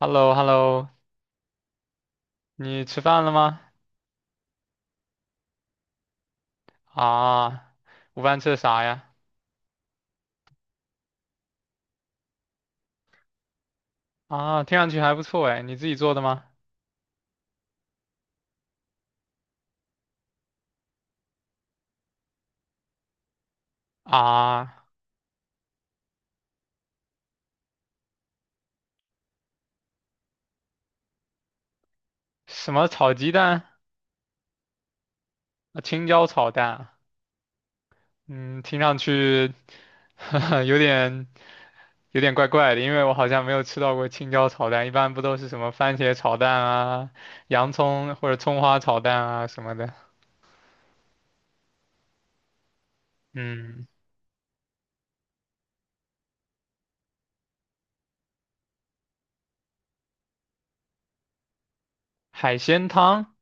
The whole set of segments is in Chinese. h e l l o h e l l o 你吃饭了吗？啊，午饭吃的啥呀？啊，听上去还不错哎，你自己做的吗？啊，什么炒鸡蛋？啊青椒炒蛋啊。嗯，听上去 有点怪怪的，因为我好像没有吃到过青椒炒蛋，一般不都是什么番茄炒蛋啊、洋葱或者葱花炒蛋啊什么的。嗯，海鲜汤？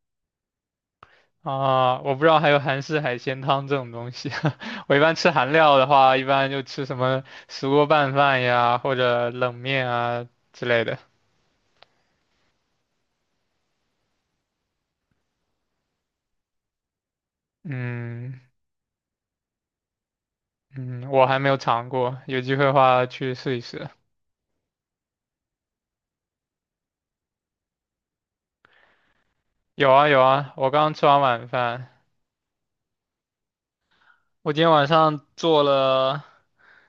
啊，我不知道还有韩式海鲜汤这种东西。我一般吃韩料的话，一般就吃什么石锅拌饭呀，或者冷面啊之类的。嗯嗯，我还没有尝过，有机会的话去试一试。有啊有啊，我刚刚吃完晚饭，我今天晚上做了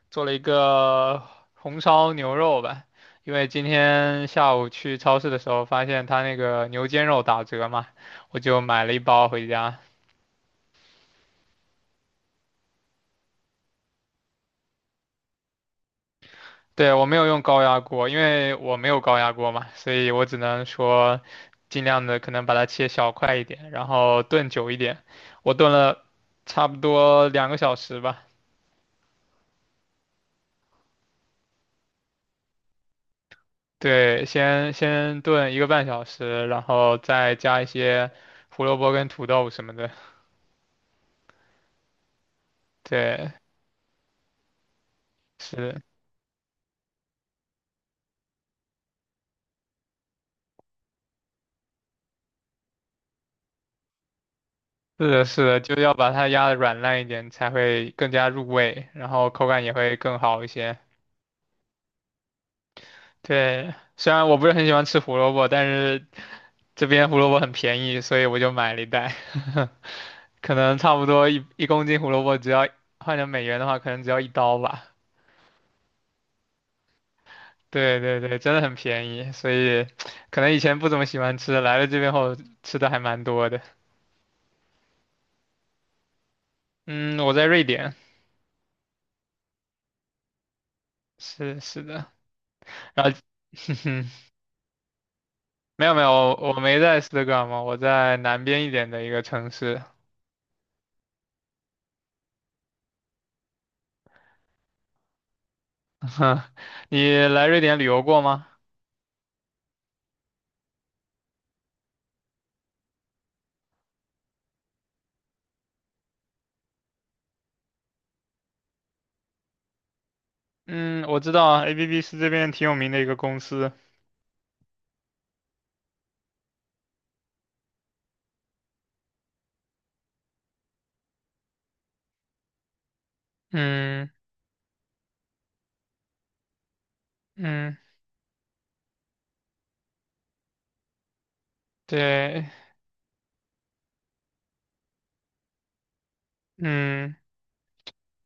一个红烧牛肉吧，因为今天下午去超市的时候发现他那个牛肩肉打折嘛，我就买了一包回家。对，我没有用高压锅，因为我没有高压锅嘛，所以我只能说尽量的可能把它切小块一点，然后炖久一点。我炖了差不多2个小时吧，对，先炖1个半小时，然后再加一些胡萝卜跟土豆什么的。对，是是的，是的，就要把它压的软烂一点，才会更加入味，然后口感也会更好一些。对，虽然我不是很喜欢吃胡萝卜，但是这边胡萝卜很便宜，所以我就买了一袋，可能差不多一公斤胡萝卜只要换成美元的话，可能只要一刀吧。对对对，真的很便宜，所以可能以前不怎么喜欢吃，来了这边后吃的还蛮多的。嗯，我在瑞典，是是的，然后哼哼 没有没有，我没在斯德哥尔摩，我在南边一点的一个城市。你来瑞典旅游过吗？嗯，我知道啊，ABB 是这边挺有名的一个公司。嗯嗯。对，嗯，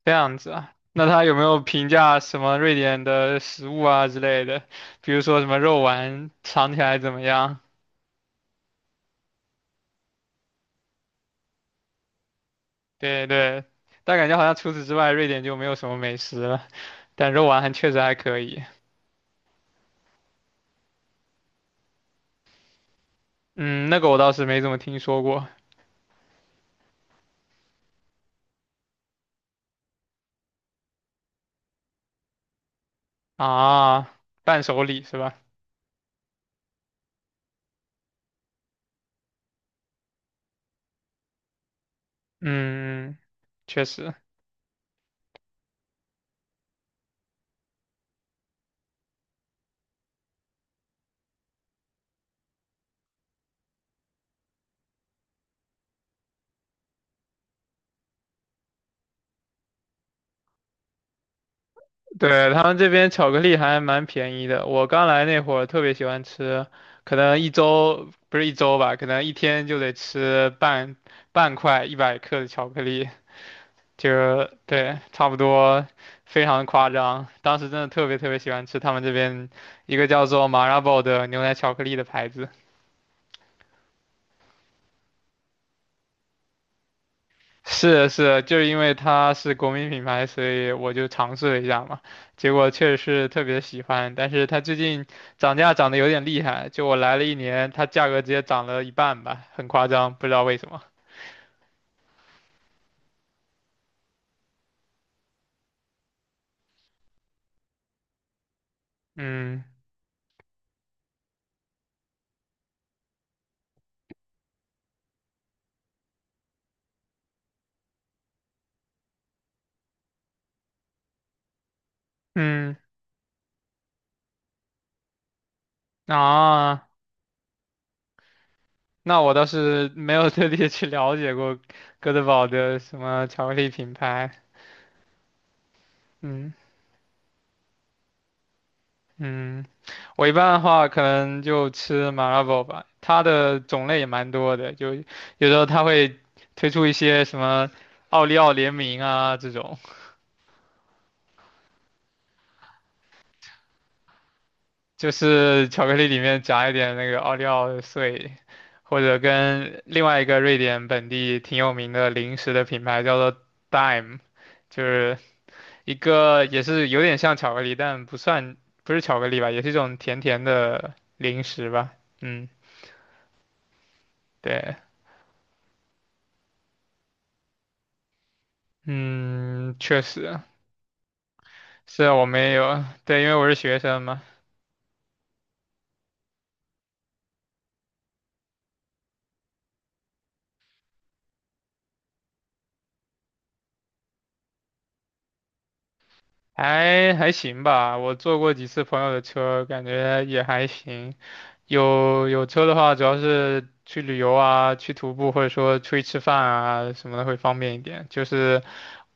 这样子啊。那他有没有评价什么瑞典的食物啊之类的？比如说什么肉丸尝起来怎么样？对对，但感觉好像除此之外，瑞典就没有什么美食了。但肉丸还确实还可以。嗯，那个我倒是没怎么听说过。啊，伴手礼是吧？嗯，嗯确实。对，他们这边巧克力还蛮便宜的，我刚来那会儿特别喜欢吃，可能一周，不是一周吧，可能一天就得吃半块100克的巧克力，就对，差不多，非常夸张。当时真的特别特别喜欢吃他们这边一个叫做 Marabou 的牛奶巧克力的牌子。是是，就是因为它是国民品牌，所以我就尝试了一下嘛，结果确实是特别喜欢。但是它最近涨价涨得有点厉害，就我来了一年，它价格直接涨了一半吧，很夸张，不知道为什么。嗯嗯。啊，那我倒是没有特地去了解过哥德堡的什么巧克力品牌。嗯。嗯，我一般的话可能就吃 m a r 麻辣锅吧，它的种类也蛮多的，就有时候它会推出一些什么奥利奥联名啊这种，就是巧克力里面夹一点那个奥利奥碎，或者跟另外一个瑞典本地挺有名的零食的品牌叫做 Dime，就是一个也是有点像巧克力，但不是巧克力吧，也是一种甜甜的零食吧，嗯。对，嗯，确实。是啊我没有，对，因为我是学生嘛，还还行吧。我坐过几次朋友的车，感觉也还行。有车的话，主要是去旅游啊，去徒步，或者说出去吃饭啊什么的会方便一点。就是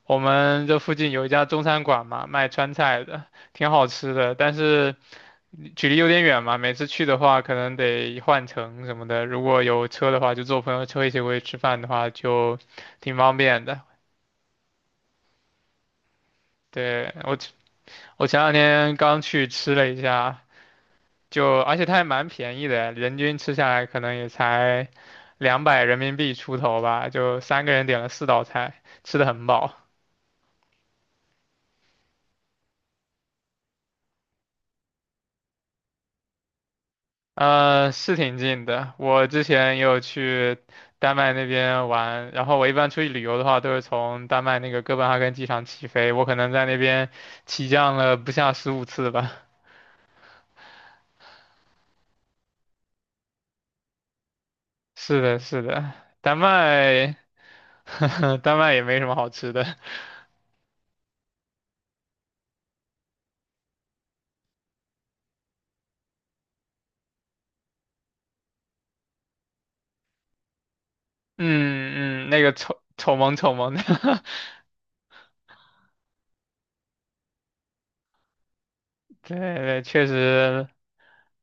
我们这附近有一家中餐馆嘛，卖川菜的，挺好吃的，但是距离有点远嘛，每次去的话可能得换乘什么的。如果有车的话，就坐朋友车一起过去吃饭的话，就挺方便的。对，我，我前两天刚去吃了一下，就而且它还蛮便宜的，人均吃下来可能也才200人民币出头吧，就三个人点了四道菜，吃的很饱。呃，是挺近的。我之前也有去丹麦那边玩，然后我一般出去旅游的话，都是从丹麦那个哥本哈根机场起飞。我可能在那边起降了不下15次吧。是的，是的，丹麦，丹麦也没什么好吃的。嗯嗯，那个丑丑萌丑萌的，对对，确实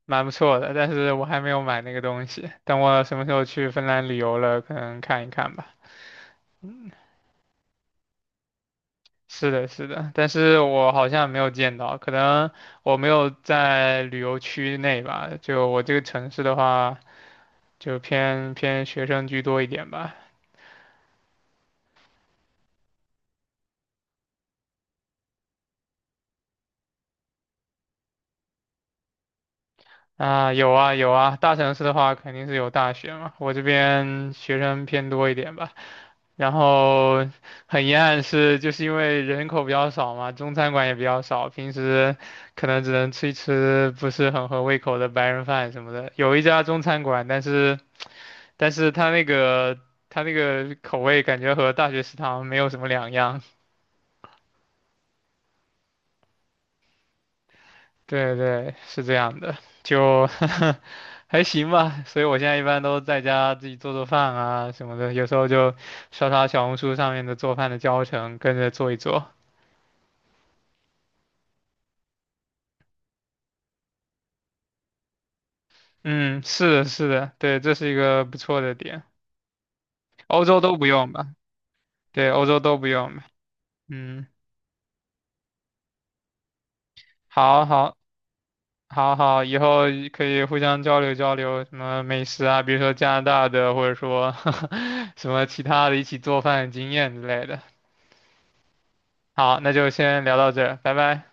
蛮不错的。但是我还没有买那个东西，等我什么时候去芬兰旅游了，可能看一看吧。是的，是的，但是我好像没有见到，可能我没有在旅游区内吧。就我这个城市的话，就偏偏学生居多一点吧。啊，有啊有啊，大城市的话肯定是有大学嘛，我这边学生偏多一点吧。然后很遗憾是，就是因为人口比较少嘛，中餐馆也比较少，平时可能只能吃一吃不是很合胃口的白人饭什么的。有一家中餐馆，但是。但是它那个口味感觉和大学食堂没有什么两样。对对，是这样的，就 还行吧。所以我现在一般都在家自己做做饭啊什么的，有时候就刷刷小红书上面的做饭的教程，跟着做一做。嗯，是的，是的，对，这是一个不错的点。欧洲都不用吧？对，欧洲都不用吧？嗯，好好。好好，以后可以互相交流交流什么美食啊，比如说加拿大的，或者说 什么其他的一起做饭的经验之类的。好，那就先聊到这儿，拜拜。